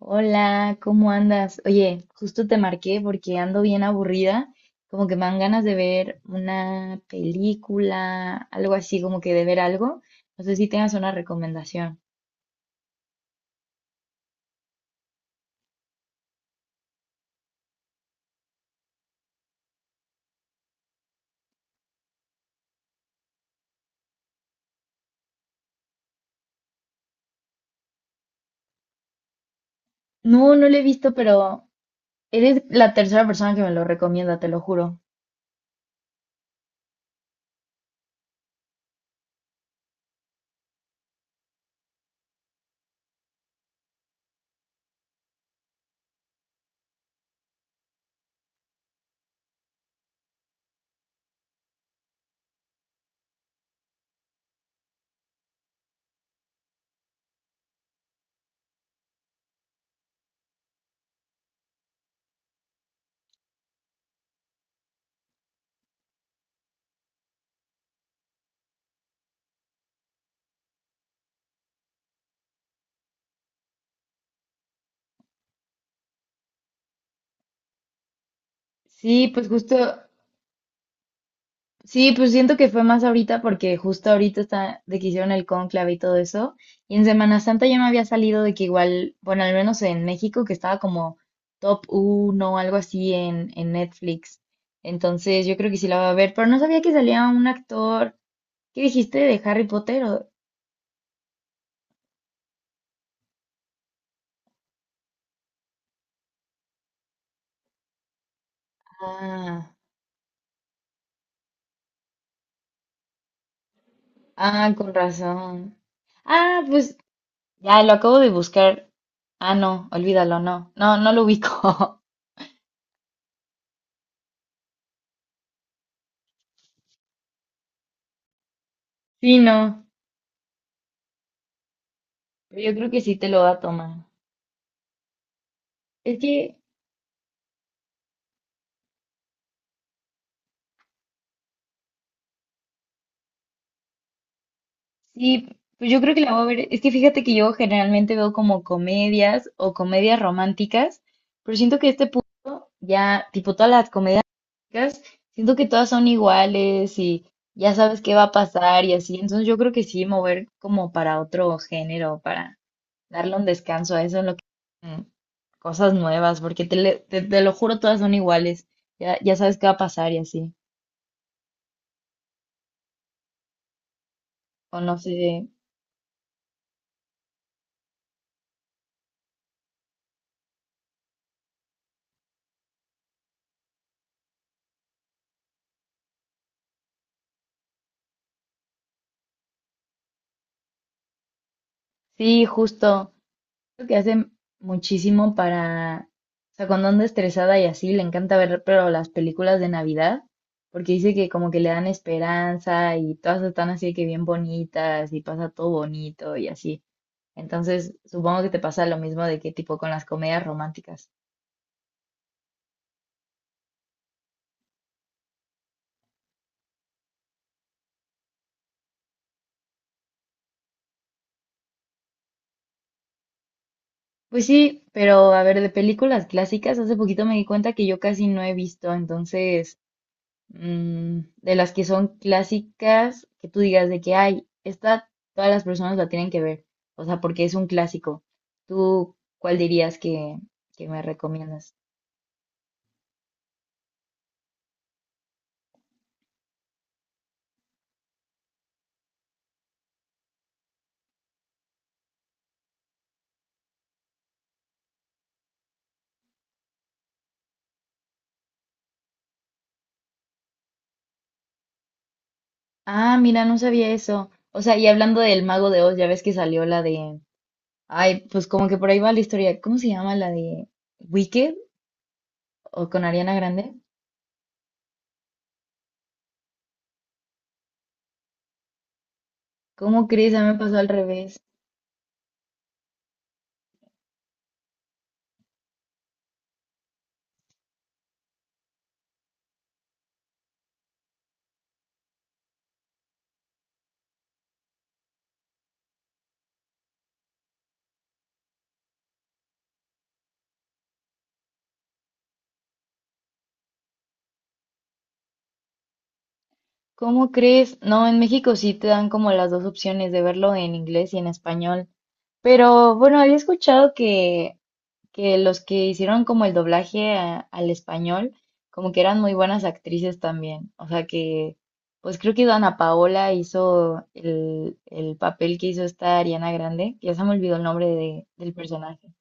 Hola, ¿cómo andas? Oye, justo te marqué porque ando bien aburrida, como que me dan ganas de ver una película, algo así, como que de ver algo. No sé si tengas una recomendación. No, no lo he visto, pero eres la tercera persona que me lo recomienda, te lo juro. Sí, pues justo sí, pues siento que fue más ahorita porque justo ahorita está de que hicieron el cónclave y todo eso. Y en Semana Santa ya me había salido de que igual, bueno, al menos en México, que estaba como top uno o algo así en Netflix. Entonces yo creo que sí la voy a ver, pero no sabía que salía un actor. ¿Qué dijiste de Harry Potter? Ah, ah, con razón. Ah, pues ya lo acabo de buscar. Ah, no, olvídalo, no. No, no lo ubico. Sí, no. Pero yo creo que sí te lo va a tomar. Es que sí, pues yo creo que la voy a ver. Es que fíjate que yo generalmente veo como comedias o comedias románticas, pero siento que a este punto ya, tipo todas las comedias románticas, siento que todas son iguales y ya sabes qué va a pasar y así. Entonces yo creo que sí, mover como para otro género, para darle un descanso a eso, en lo que mm, cosas nuevas, porque te lo juro, todas son iguales. Ya, ya sabes qué va a pasar y así. O no sé. Sí, justo. Creo que hace muchísimo para, o sea, cuando anda estresada y así, le encanta ver, pero las películas de Navidad, porque dice que como que le dan esperanza y todas están así que bien bonitas y pasa todo bonito y así. Entonces, supongo que te pasa lo mismo de que tipo con las comedias románticas. Pues sí, pero a ver, de películas clásicas, hace poquito me di cuenta que yo casi no he visto, entonces mm, de las que son clásicas, que tú digas de que hay, esta todas las personas la tienen que ver, o sea, porque es un clásico. ¿Tú cuál dirías que me recomiendas? Ah, mira, no sabía eso. O sea, y hablando del Mago de Oz, ya ves que salió la de... Ay, pues como que por ahí va la historia. ¿Cómo se llama la de Wicked o con Ariana Grande? ¿Cómo crees? A mí me pasó al revés. ¿Cómo crees? No, en México sí te dan como las dos opciones de verlo en inglés y en español. Pero bueno, había escuchado que los que hicieron como el doblaje al español, como que eran muy buenas actrices también. O sea que, pues creo que Dana Paola hizo el papel que hizo esta Ariana Grande, que ya se me olvidó el nombre del personaje.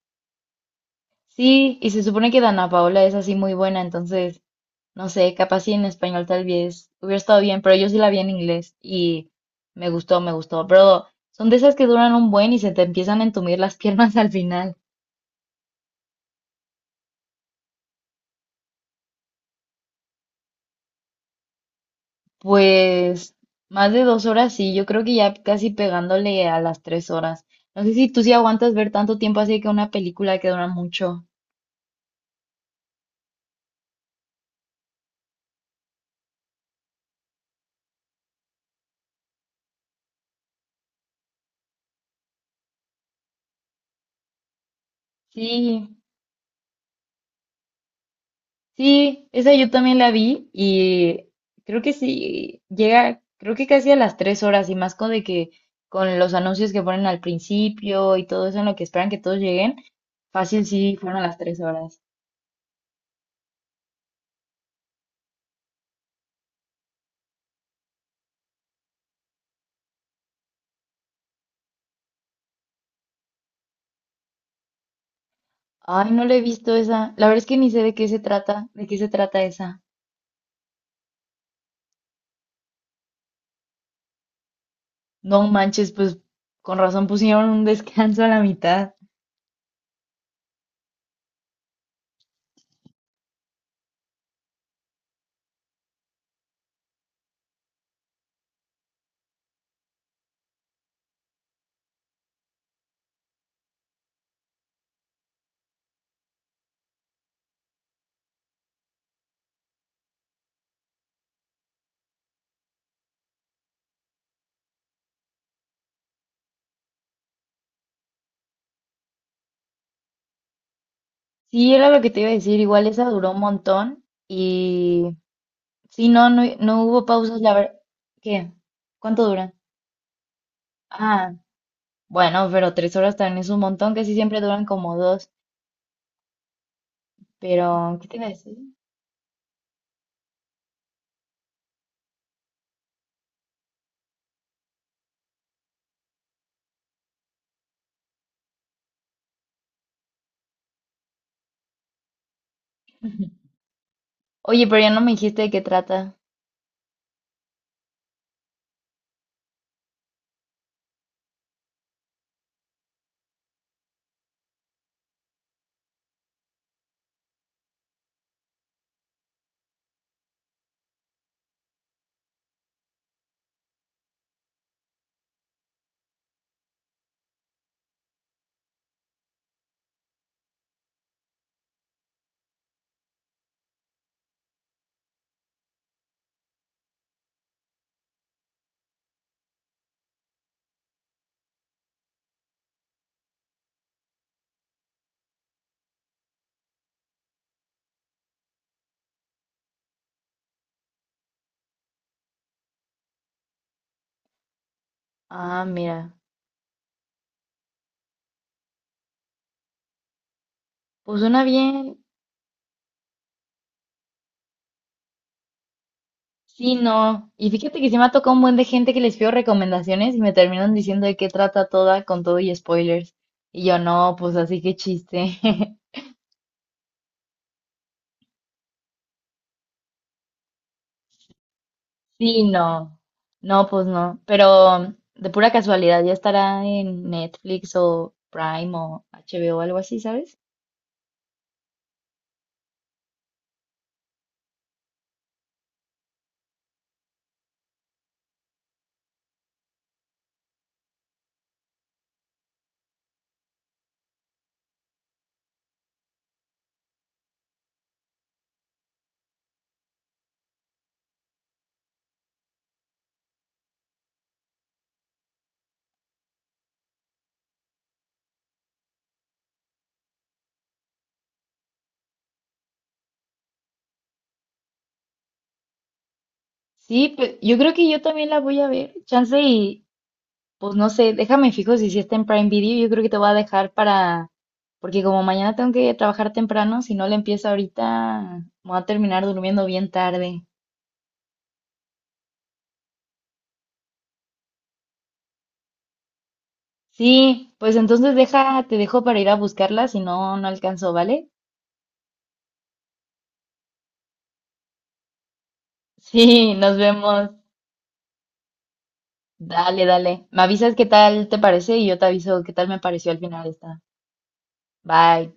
Sí, y se supone que Dana Paola es así muy buena, entonces, no sé, capaz si en español tal vez hubiera estado bien, pero yo sí la vi en inglés y me gustó, me gustó. Pero son de esas que duran un buen y se te empiezan a entumir las piernas al final. Pues más de dos horas, sí, yo creo que ya casi pegándole a las tres horas. No sé si tú sí aguantas ver tanto tiempo así que una película que dura mucho. Sí, sí, esa yo también la vi y creo que sí, llega, creo que casi a las tres horas y más con de que con los anuncios que ponen al principio y todo eso en lo que esperan que todos lleguen, fácil sí fueron a las tres horas. Ay, no la he visto esa. La verdad es que ni sé de qué se trata, de qué se trata esa. No manches, pues con razón pusieron un descanso a la mitad. Sí, era lo que te iba a decir, igual esa duró un montón y sí, no, no, no hubo pausas, la verdad. ¿Qué? ¿Cuánto duran? Ah, bueno, pero tres horas también es un montón, casi siempre duran como dos, pero ¿qué te iba a decir? Oye, pero ya no me dijiste de qué trata. Ah, mira, pues suena bien, sí, no. Y fíjate que sí me ha tocado un buen de gente que les pido recomendaciones y me terminan diciendo de qué trata toda con todo y spoilers. Y yo no, pues así que chiste. Sí, no. No, pues no. Pero de pura casualidad ya estará en Netflix o Prime o HBO o algo así, ¿sabes? Sí, yo creo que yo también la voy a ver. Chance y, pues no sé, déjame fijo si sí está en Prime Video. Yo creo que te voy a dejar para, porque como mañana tengo que trabajar temprano, si no le empiezo ahorita, me voy a terminar durmiendo bien tarde. Sí, pues entonces deja, te dejo para ir a buscarla, si no, no alcanzo, ¿vale? Sí, nos vemos. Dale, dale. Me avisas qué tal te parece y yo te aviso qué tal me pareció al final esta. Bye.